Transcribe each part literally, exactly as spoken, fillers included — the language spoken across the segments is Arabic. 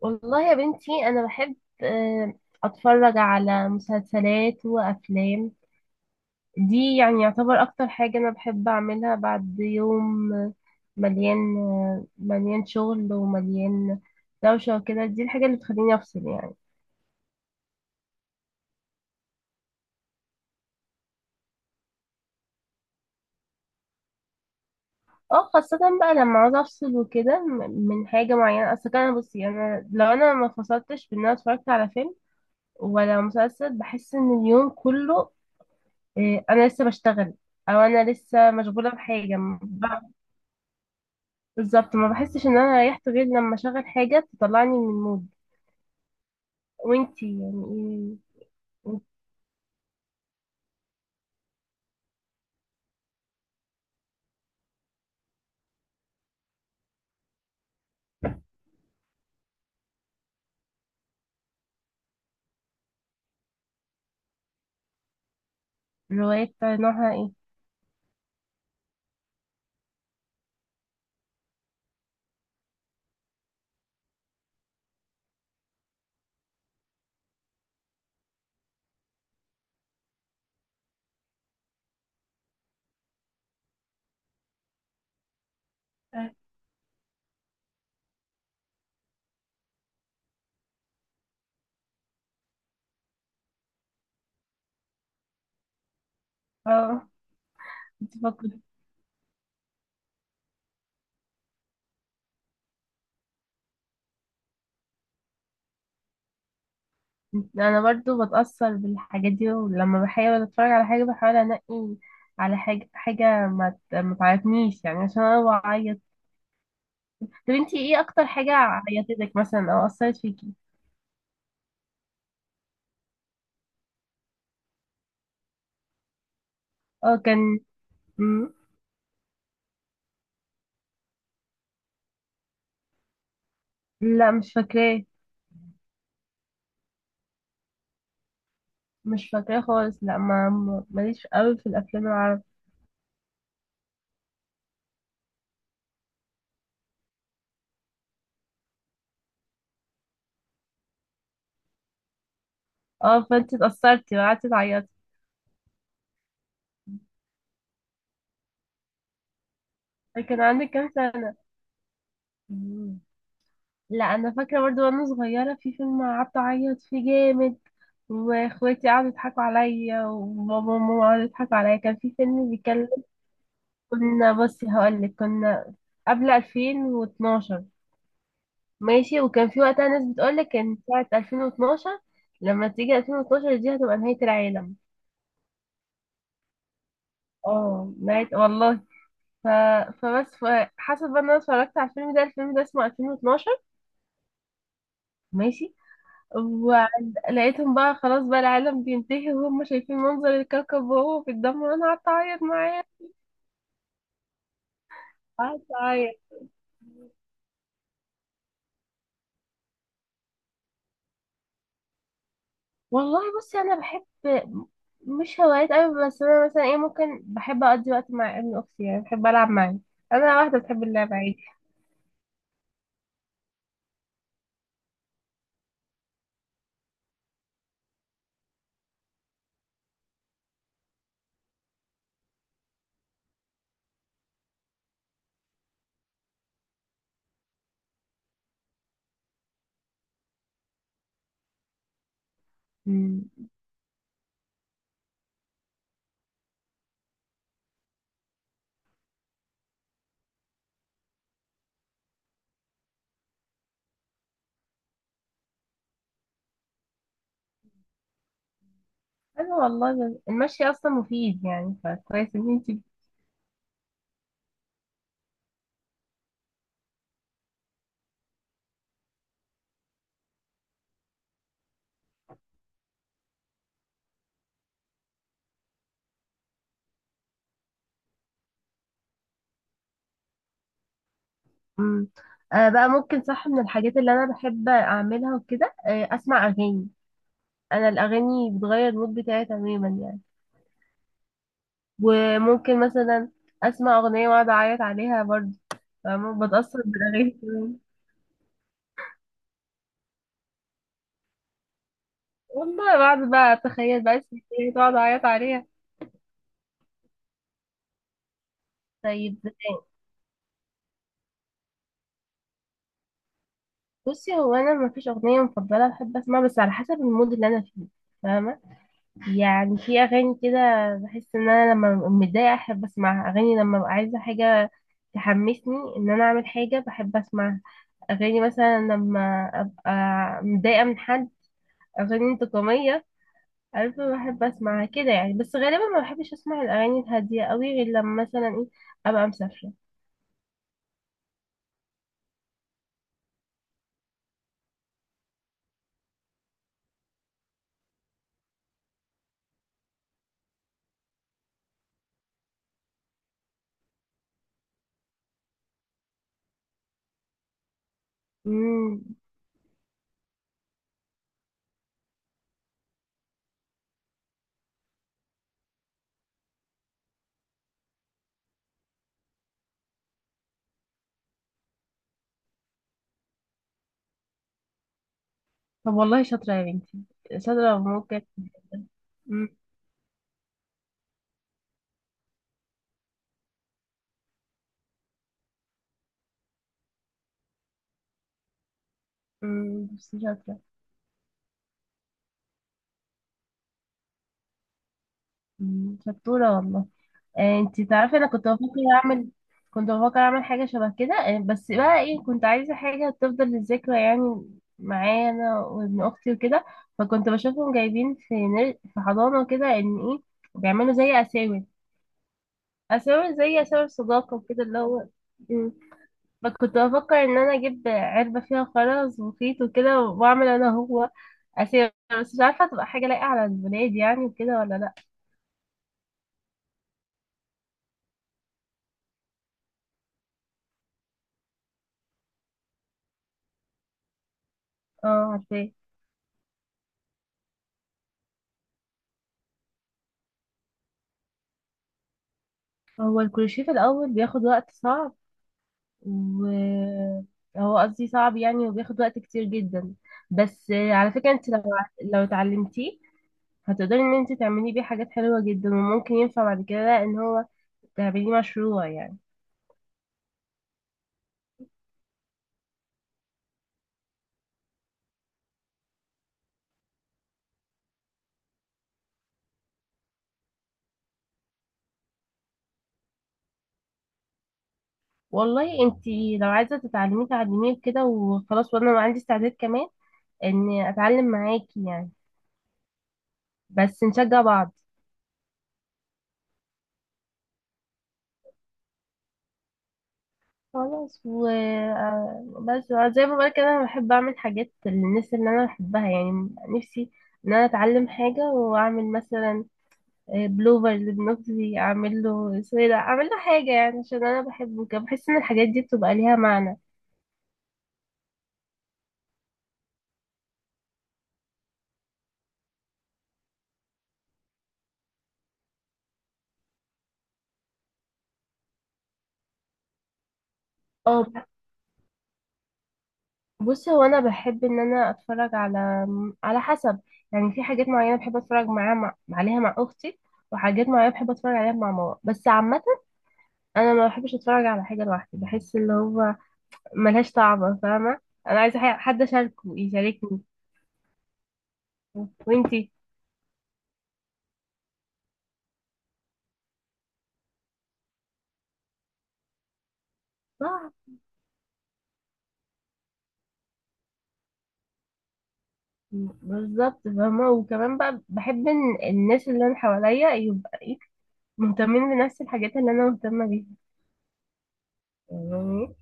والله يا بنتي انا بحب آه، اتفرج على مسلسلات وافلام. دي يعني يعتبر اكتر حاجة انا بحب اعملها بعد يوم، آه، مليان آه، مليان شغل ومليان دوشة وكده. دي الحاجة اللي بتخليني افصل يعني. اه، خاصة بقى لما عاوز افصل وكده م- من حاجة معينة. اصل كده، بصي، انا لو انا ما فصلتش بان انا اتفرجت على فيلم ولا مسلسل، بحس ان اليوم كله آه، انا لسه بشتغل، او انا لسه مشغوله بحاجه. بالظبط، ما بحسش ان انا ريحت غير لما اشغل حاجة تطلعني من المود. وانتي يعني ايه؟ الروايات نوعها ايه؟ اه، كنت بفكر. انا برضو بتأثر بالحاجات دي، ولما بحاول اتفرج على حاجة بحاول انقي على حاجة، حاجة ما ت- ما تعيطنيش يعني عشان انا بعيط. طب انتي ايه اكتر حاجة عيطتك مثلا او اثرت فيكي؟ اه كان. مم. لا، مش فاكراه. مش فاكراه خالص. لا، ما ما- ماليش قوي في الافلام العربية. اه، فانت اتأثرتي وقعدتي تعيطي؟ كان عندك كام سنة؟ مم. لا، انا فاكرة برضو، وانا صغيرة في فيلم قعدت اعيط فيه جامد، واخواتي قعدوا يضحكوا عليا، وبابا وماما قعدوا يضحكوا عليا. كان في فيلم بيتكلم، كنا، بصي هقولك، كنا قبل ألفين واثنا عشر، ماشي، وكان في وقتها ناس بتقولك ان ساعة ألفين واتناشر، لما تيجي ألفين واتناشر دي هتبقى نهاية العالم. اه، نهاية، والله. ف... فبس ف... حسب بقى إن انا اتفرجت على الفيلم ده الفيلم ده اسمه ألفين واتناشر، ماشي. ولقيتهم بقى خلاص، بقى العالم بينتهي، وهم شايفين منظر الكوكب وهو في الدم، وانا قعدت اعيط معاه. قعدت اعيط. والله بصي، انا بحب، مش هوايات قوي، بس انا مثلا ايه، ممكن بحب اقضي وقت مع ابن اختي يعني، بحب العب معاه. انا واحده بتحب اللعب عادي. أمم. انا والله، ب- المشي اصلا مفيد يعني، فكويس ان انتي. أمم. آه بقى، ممكن صح، من الحاجات اللي انا بحب اعملها وكده آه اسمع اغاني. انا الاغاني بتغير المود بتاعي تماما يعني. وممكن مثلا اسمع اغنيه واقعد اعيط عليها برضه. فاهمة؟ بتاثر بالاغاني كمان. والله بعد بقى، اتخيل بقى الستات تقعد اعيط عليها. طيب، بصي هو انا ما فيش اغنيه مفضله بحب اسمعها، بس على حسب المود اللي انا فيه، فاهمه؟ يعني في اغاني كده بحس ان انا لما ببقى متضايقه احب اسمعها. اغاني لما ببقى عايزه حاجه تحمسني ان انا اعمل حاجه بحب اسمعها. اغاني مثلا لما ابقى متضايقه من حد، اغاني انتقاميه، عارفة؟ بحب اسمعها كده يعني. بس غالبا ما بحبش اسمع الاغاني الهادية قوي، غير لما مثلا ايه، ابقى مسافرة. امم. طب والله شاطرة يا بنتي. شاطرة وممكن. امم. أمم، بس شاطرة. أمم، شطورة والله. آه، انتي تعرفي، انا كنت بفكر اعمل، كنت بفكر اعمل حاجة شبه كده. آه، بس بقى ايه، كنت عايزة حاجة تفضل للذكرى يعني، معايا انا وابن اختي وكده. فكنت بشوفهم جايبين في نر- في حضانة كده، ان ايه، بيعملوا زي اساور، اساور، زي اساور صداقة وكده، اللي هو. مم. ما كنت بفكر ان انا اجيب علبة فيها خرز وخيط وكده، واعمل انا هو اساور، بس مش عارفة تبقى حاجة لايقة على البنات يعني، وكده ولا لا. اه، عارفاه. هو الكروشيه في الاول بياخد وقت، صعب، و، هو قصدي صعب يعني، وبياخد وقت كتير جدا. بس على فكرة انت لو لو اتعلمتيه هتقدري ان انت تعمليه بيه حاجات حلوة جدا، وممكن ينفع بعد كده ان هو تعمليه مشروع يعني. والله انت لو عايزه تتعلمي، تعلميه كده وخلاص، وانا عندي استعداد كمان اني اتعلم معاكي يعني، بس نشجع بعض. خلاص، و آه، بس، آه، زي ما بقولك كده، انا بحب اعمل حاجات للناس اللي انا بحبها يعني. نفسي ان انا اتعلم حاجه واعمل مثلا آه، بلوفر لبنوتي، اعمل له سويدة، اعمل له حاجه يعني عشان انا بحبه كده، بحس ان الحاجات دي بتبقى ليها معنى. اه، بصي هو انا بحب ان انا اتفرج على، على حسب يعني. في حاجات معينه بحب اتفرج معاها مع... عليها مع اختي، وحاجات معينه بحب اتفرج عليها مع ماما. بس عامه، انا ما بحبش اتفرج على حاجه لوحدي، بحس اللي هو ملهاش طعم، فاهمه؟ انا عايزه ح- حد اشاركه يشاركني. وانتي؟ صح، بالظبط، فاهمه. وكمان بقى، بحب ان الناس اللي انا حواليا يبقى إيه؟ مهتمين بنفس الحاجات اللي انا مهتمه بيها يعني.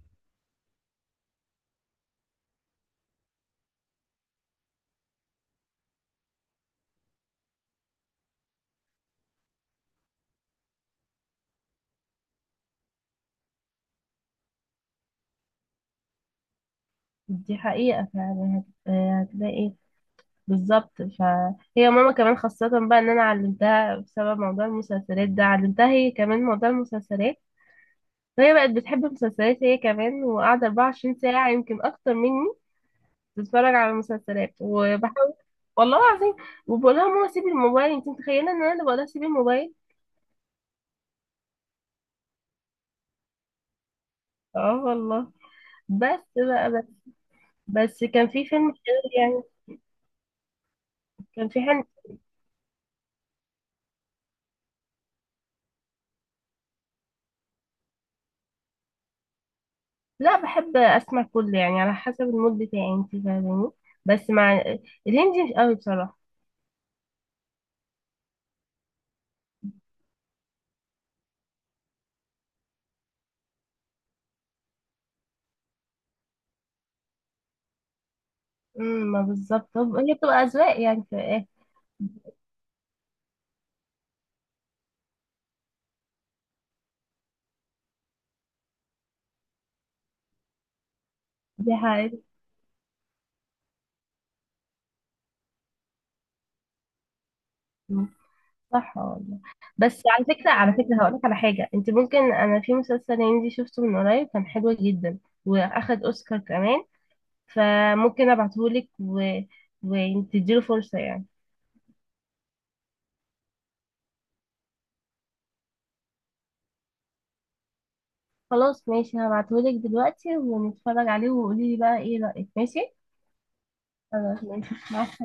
دي حقيقه فعلا، هت- هتلاقي، بالظبط. فهي ماما كمان، خاصة بقى ان انا علمتها بسبب موضوع المسلسلات ده، علمتها هي كمان موضوع المسلسلات، فهي بقت بتحب المسلسلات هي كمان، وقاعدة أربعة وعشرين ساعة، يمكن اكتر مني، تتفرج على المسلسلات. وبحاول، والله العظيم، وبقولها ماما سيبي الموبايل. انت متخيلة ان انا اللي بقولها سيبي الموبايل؟ اه والله. بس بقى، بس، بس كان في فيلم حلو يعني. كان في حلم. لا، بحب اسمع كله يعني على حسب المود بتاعي، انت فاهماني؟ بس مع الهندي مش قوي بصراحة. امم. ما بالظبط، هو- هي بتبقى أذواق يعني في الآخر. دي حقيقة. أمم، صح والله. بس على فكرة على فكرة هقولك على حاجة. انت ممكن، انا في مسلسل هندي شفته من قريب كان حلو جدا، واخد اوسكار كمان، فممكن ابعتهولك و... وتديله فرصة يعني. خلاص ماشي، هبعتهولك دلوقتي، ونتفرج عليه، وقولي لي بقى ايه رأيك، ماشي. خلاص ماشي مع